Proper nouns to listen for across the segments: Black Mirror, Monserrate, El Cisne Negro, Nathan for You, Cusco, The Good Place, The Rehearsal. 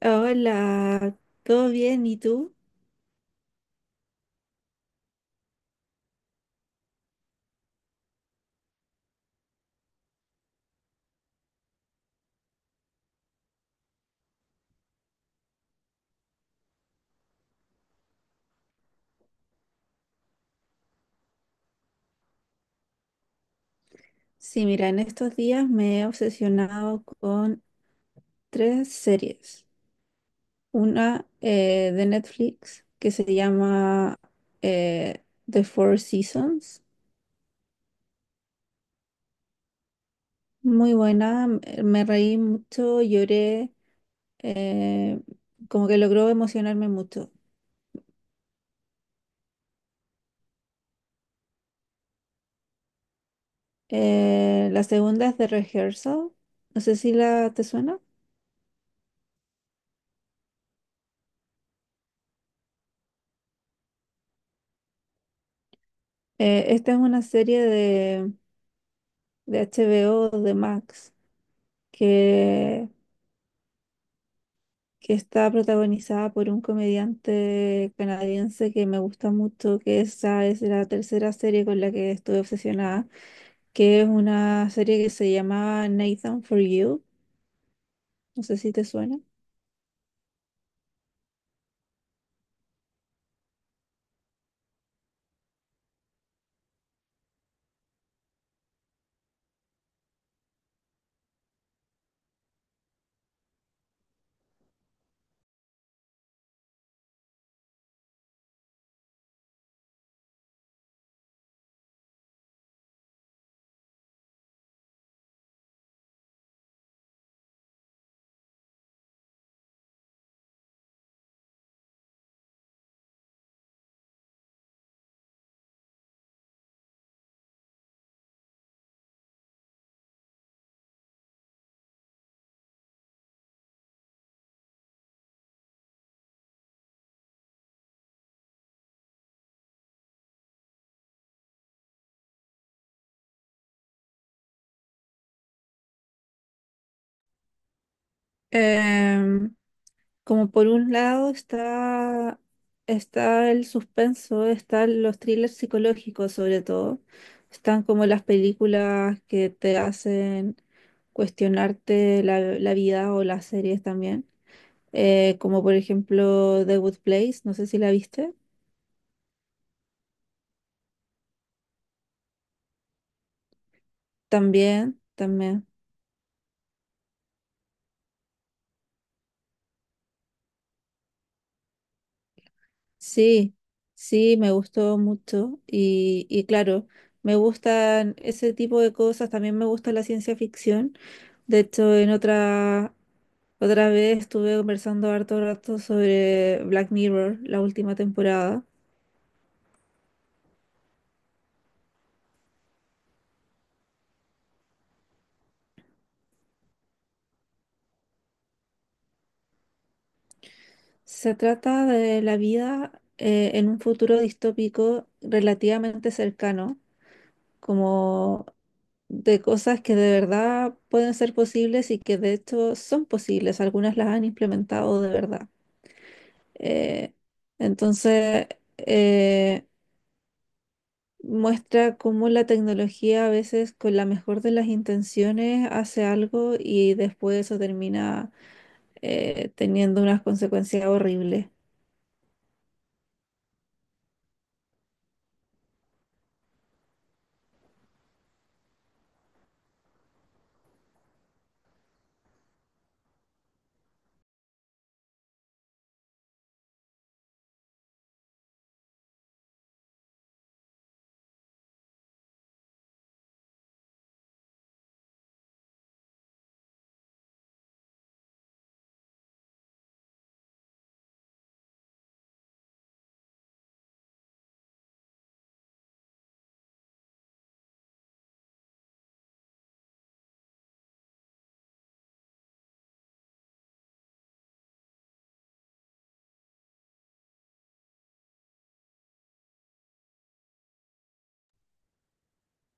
Hola, ¿todo bien? ¿Y tú? Sí, mira, en estos días me he obsesionado con tres series. Una de Netflix que se llama eh, The Four Seasons. Muy buena, me reí mucho, lloré, eh, como que logró emocionarme mucho. La segunda es The Rehearsal. No sé si la te suena. Esta es una serie de HBO de Max que, que está protagonizada por un comediante canadiense que me gusta mucho, que esa es la tercera serie con la que estuve obsesionada, que es una serie que se llama Nathan for You, no sé si te suena. Em, Como por un lado está el suspenso, están los thrillers psicológicos sobre todo, están como las películas que te hacen cuestionarte la vida o las series también. Como por ejemplo The Good Place, no sé si la viste. También, también. Sí, sí, me gustó mucho y claro, me gustan ese tipo de cosas, también me gusta la ciencia ficción. De hecho, en otra vez estuve conversando harto rato sobre Black Mirror, la última temporada. Se trata de la vida en un futuro distópico relativamente cercano como de cosas que de verdad pueden ser posibles y que de hecho son posibles. Algunas las han implementado de verdad. Eh, entonces, eh, muestra cómo la tecnología a veces con la mejor de las intenciones hace algo y después eso termina teniendo unas consecuencias horribles.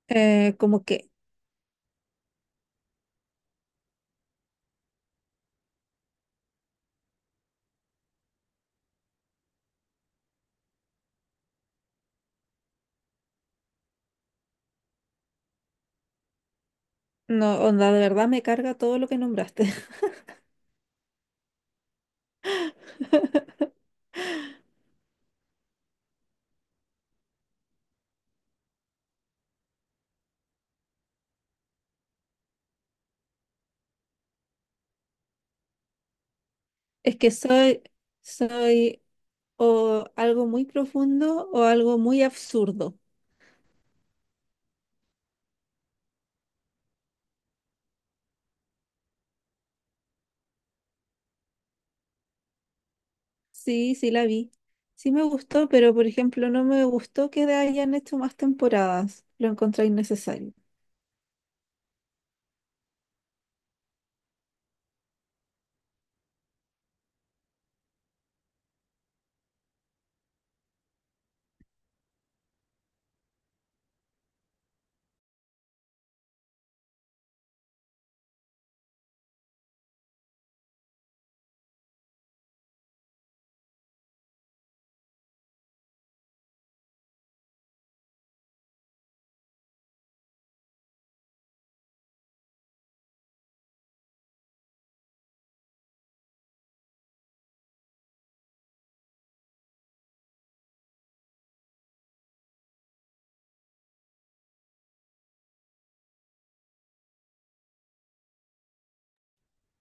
Eh, como que, no, onda, de verdad me carga todo lo que nombraste. Es que soy o algo muy profundo o algo muy absurdo. Sí, sí la vi. Sí me gustó, pero por ejemplo no me gustó que hayan hecho más temporadas. Lo encontré innecesario.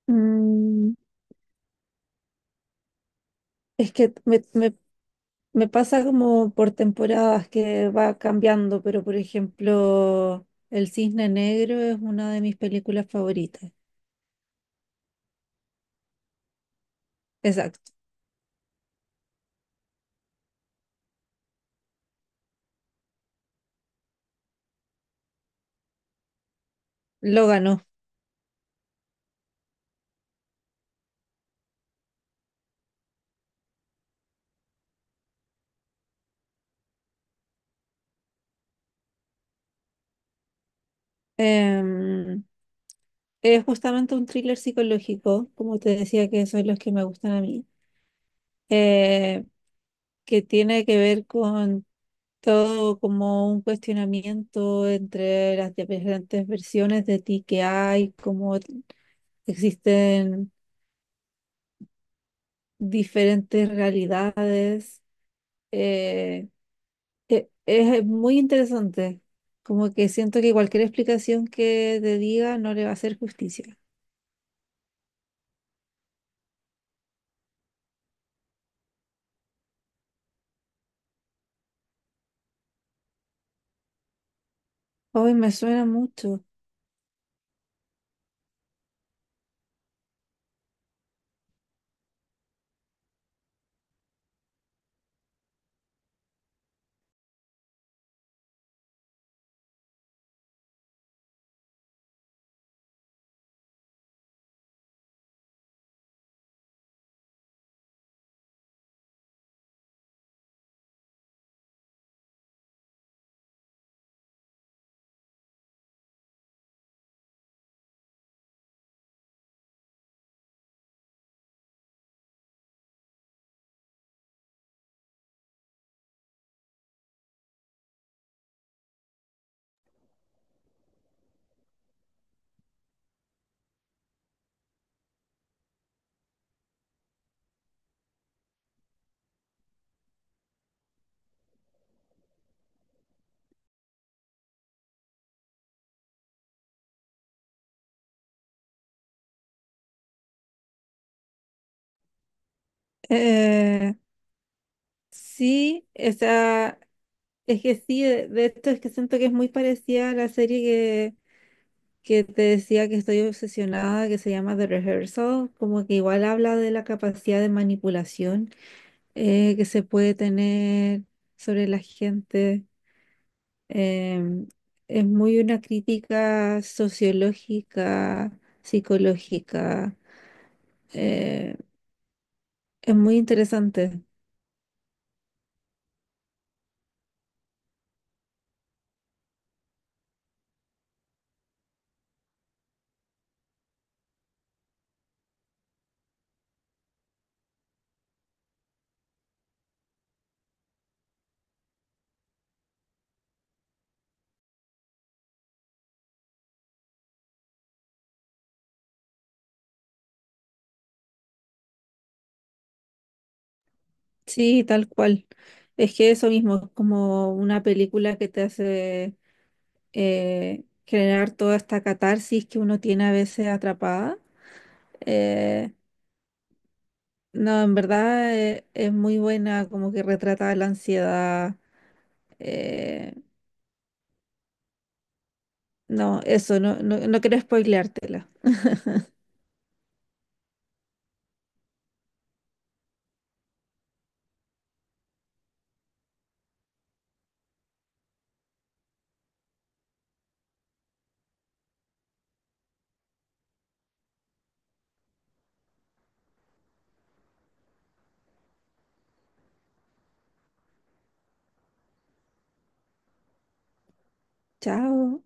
Mm, es que me pasa como por temporadas que va cambiando, pero por ejemplo El Cisne Negro es una de mis películas favoritas. Exacto. Lo ganó. Em, es justamente un thriller psicológico, como te decía, que son los que me gustan a mí, eh, que tiene que ver con todo como un cuestionamiento entre las diferentes versiones de ti que hay, cómo existen diferentes realidades. Eh, es muy interesante. Como que siento que cualquier explicación que te diga no le va a hacer justicia. Hoy me suena mucho. Eh, sí, esa es que sí, de esto es que siento que es muy parecida a la serie que te decía que estoy obsesionada, que se llama The Rehearsal, como que igual habla de la capacidad de manipulación que se puede tener sobre la gente. em, es muy una crítica sociológica, psicológica. Eh, es muy interesante. Sí, tal cual. Es que eso mismo, es como una película que te hace generar toda esta catarsis que uno tiene a veces atrapada. Eh, no, en verdad es muy buena, como que retrata la ansiedad. Eh, no, eso, no, no, no quiero spoileártela. Chao.